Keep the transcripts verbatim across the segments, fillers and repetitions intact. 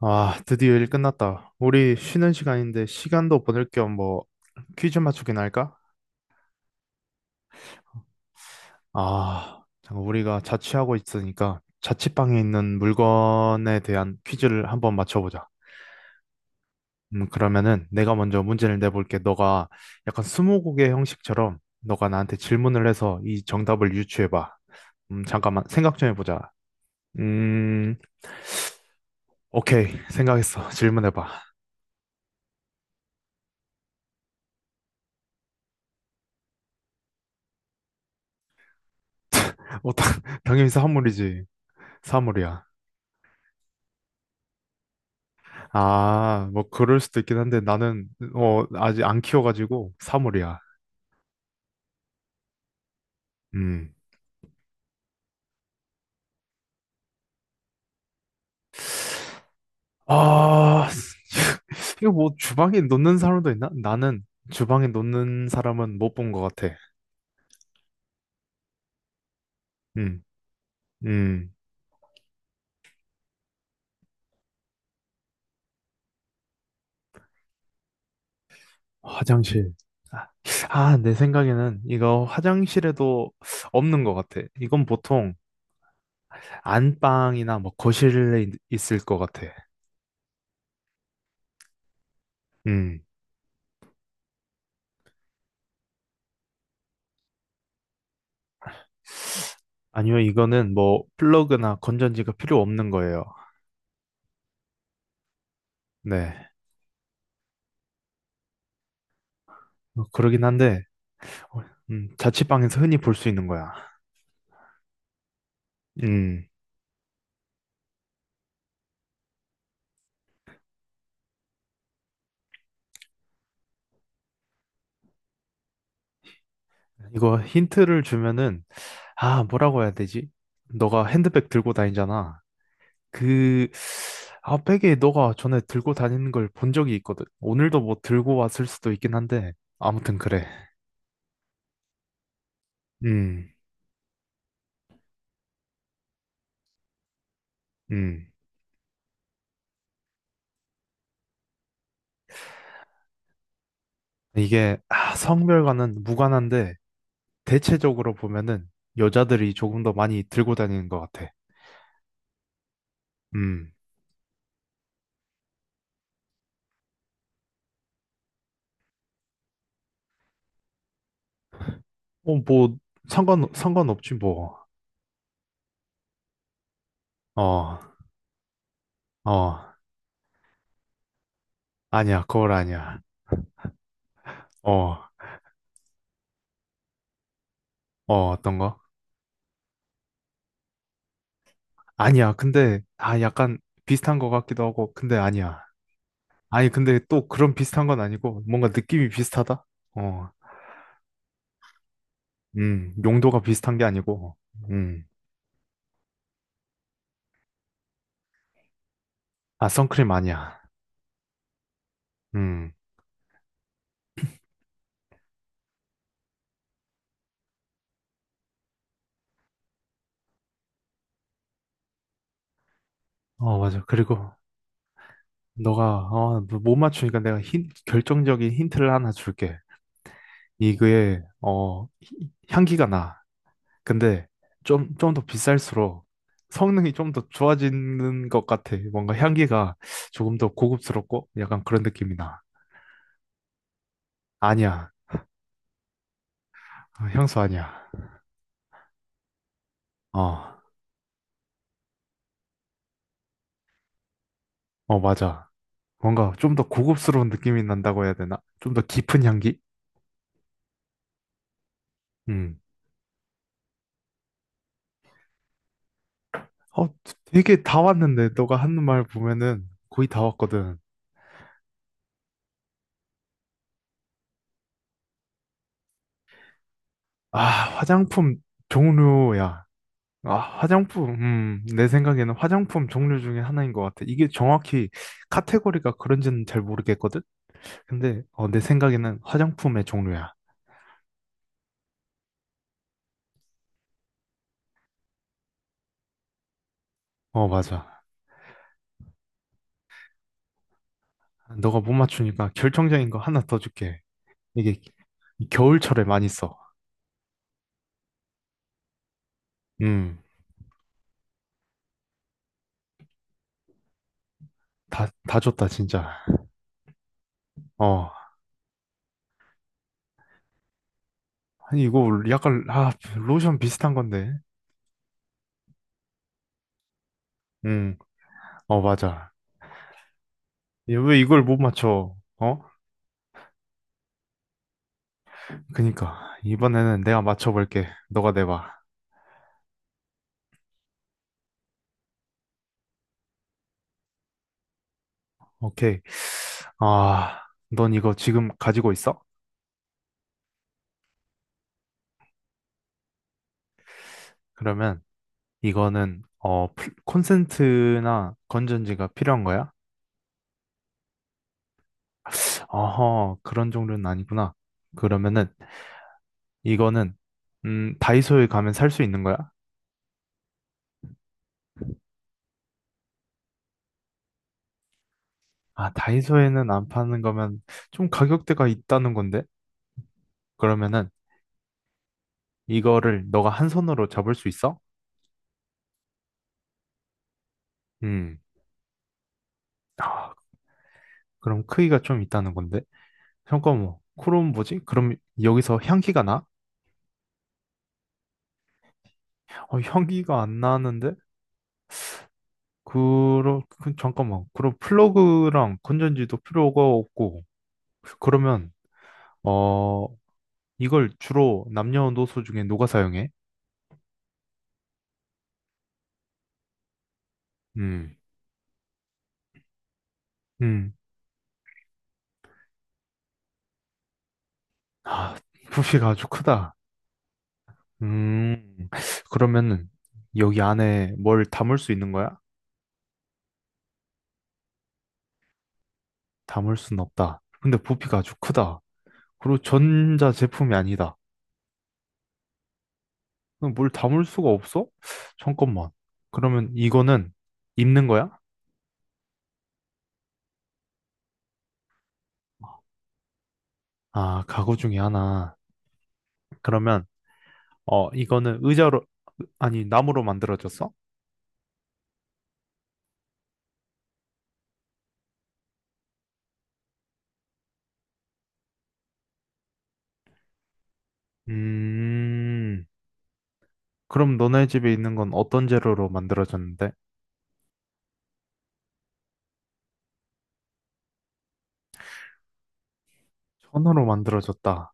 아, 드디어 일 끝났다. 우리 쉬는 시간인데 시간도 보낼 겸 뭐 퀴즈 맞추기나 할까? 아, 잠깐 우리가 자취하고 있으니까 자취방에 있는 물건에 대한 퀴즈를 한번 맞춰보자. 음, 그러면은 내가 먼저 문제를 내볼게. 너가 약간 스무고개 형식처럼 너가 나한테 질문을 해서 이 정답을 유추해봐. 음, 잠깐만 생각 좀 해보자. 음, 오케이. 생각했어. 질문해봐. 어, 당- 당연히 사물이지. 사물이야. 아, 뭐 그럴 수도 있긴 한데 나는 어 아직 안 키워가지고 사물이야. 음. 아, 이거 뭐 주방에 놓는 사람도 있나? 나는 주방에 놓는 사람은 못 본 것 같아. 음, 음, 화장실. 아, 아, 내 생각에는 이거 화장실에도 없는 것 같아. 이건 보통 안방이나 뭐 거실에 있- 있을 것 같아. 음, 아니요, 이거는 뭐 플러그나 건전지가 필요 없는 거예요. 네. 뭐 그러긴 한데, 어, 음, 자취방에서 흔히 볼 수 있는 거야. 음, 이거 힌트를 주면은, 아, 뭐라고 해야 되지? 너가 핸드백 들고 다니잖아. 그, 아, 백에 너가 전에 들고 다니는 걸 본 적이 있거든. 오늘도 뭐 들고 왔을 수도 있긴 한데, 아무튼 그래. 음, 음. 이게, 아, 성별과는 무관한데, 대체적으로 보면은 여자들이 조금 더 많이 들고 다니는 것 같아. 음. 어, 뭐, 상관, 상관없지, 뭐. 어. 어, 아니야, 거울 아니야. 어, 어, 어떤 거? 아니야, 근데, 아, 약간 비슷한 거 같기도 하고, 근데 아니야. 아니, 근데 또 그런 비슷한 건 아니고, 뭔가 느낌이 비슷하다? 어, 음, 용도가 비슷한 게 아니고, 음, 아, 선크림 아니야. 음, 어, 맞아. 그리고, 너가, 어, 뭐못 맞추니까 내가 힌, 결정적인 힌트를 하나 줄게. 이거에, 어, 히- 향기가 나. 근데 좀, 좀 더 비쌀수록 성능이 좀 더 좋아지는 것 같아. 뭔가 향기가 조금 더 고급스럽고 약간 그런 느낌이 나. 아니야. 어, 향수 아니야. 어, 어, 맞아. 뭔가 좀 더 고급스러운 느낌이 난다고 해야 되나? 좀 더 깊은 향기? 음. 어, 되게 다 왔는데, 너가 하는 말 보면은 거의 다 왔거든. 아, 화장품 종류야. 아, 화장품. 음, 내 생각에는 화장품 종류 중에 하나인 것 같아. 이게 정확히 카테고리가 그런지는 잘 모르겠거든? 근데 어, 내 생각에는 화장품의 종류야. 어, 맞아. 너가 못 맞추니까 결정적인 거 하나 더 줄게. 이게 겨울철에 많이 써. 음, 다, 다 줬다, 진짜. 어, 아니, 이거 약간, 아, 로션 비슷한 건데. 음, 어, 맞아. 얘왜 이걸 못 맞춰? 어? 그니까. 이번에는 내가 맞춰볼게. 너가 내봐. 오케이. 아, 넌 이거 지금 가지고 있어? 그러면 이거는 어 플- 콘센트나 건전지가 필요한 거야? 어허, 그런 종류는 아니구나. 그러면은 이거는 음 다이소에 가면 살 수 있는 거야? 아, 다이소에는 안 파는 거면 좀 가격대가 있다는 건데. 그러면은 이거를 너가 한 손으로 잡을 수 있어? 음, 그럼 크기가 좀 있다는 건데. 잠깐만, 그럼 뭐지? 그럼 여기서 향기가 나? 어, 향기가 안 나는데? 그러, 그- 잠깐만. 그럼 플러그랑 건전지도 필요가 없고, 그러면, 어, 이걸 주로 남녀노소 중에 누가 사용해? 음, 음. 아, 부피가 아주 크다. 음, 그러면은, 여기 안에 뭘 담을 수 있는 거야? 담을 순 없다. 근데 부피가 아주 크다. 그리고 전자 제품이 아니다. 그럼 뭘 담을 수가 없어? 잠깐만. 그러면 이거는 입는 거야? 아, 가구 중에 하나. 그러면, 어, 이거는 의자로, 아니, 나무로 만들어졌어? 음, 그럼 너네 집에 있는 건 어떤 재료로 만들어졌는데? 천으로 만들어졌다.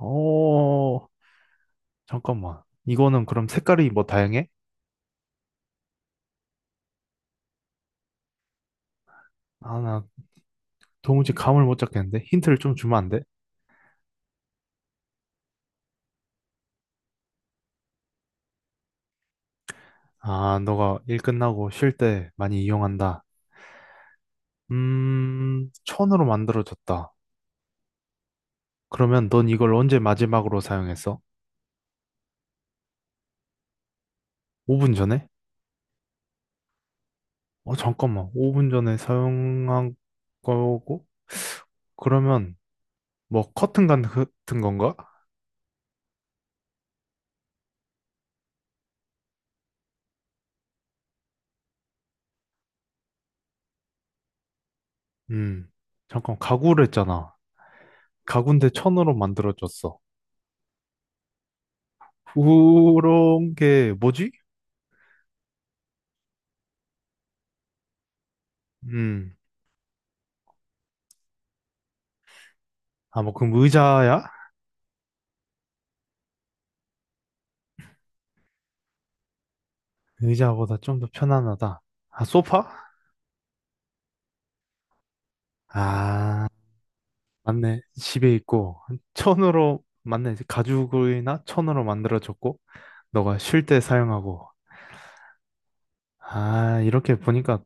오. 잠깐만. 이거는 그럼 색깔이 뭐 다양해? 아, 나 도무지 감을 못 잡겠는데? 힌트를 좀 주면 안 돼? 아, 너가 일 끝나고 쉴 때 많이 이용한다. 음, 천으로 만들어졌다. 그러면 넌 이걸 언제 마지막으로 사용했어? 오 분 전에? 어, 잠깐만. 오 분 전에 사용한 거고? 그러면, 뭐, 커튼 간- 같은 건가? 음. 잠깐, 가구를 했잖아. 가구인데 천으로 만들어졌어. 그런 게 뭐지? 음. 아, 뭐, 그럼 의자야? 의자보다 좀 더 편안하다. 아, 소파? 아, 맞네. 집에 있고. 천으로, 맞네. 가죽이나 천으로 만들어졌고, 너가 쉴 때 사용하고. 아, 이렇게 보니까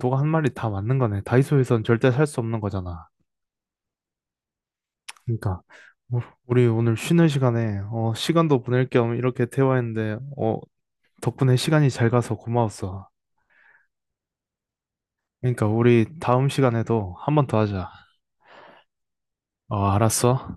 너가 한 말이 다 맞는 거네. 다이소에선 절대 살 수 없는 거잖아. 그러니까 우- 우리 오늘 쉬는 시간에 어, 시간도 보낼 겸 이렇게 대화했는데 어, 덕분에 시간이 잘 가서 고마웠어. 그러니까 우리 다음 시간에도 한 번 더 하자. 어, 알았어.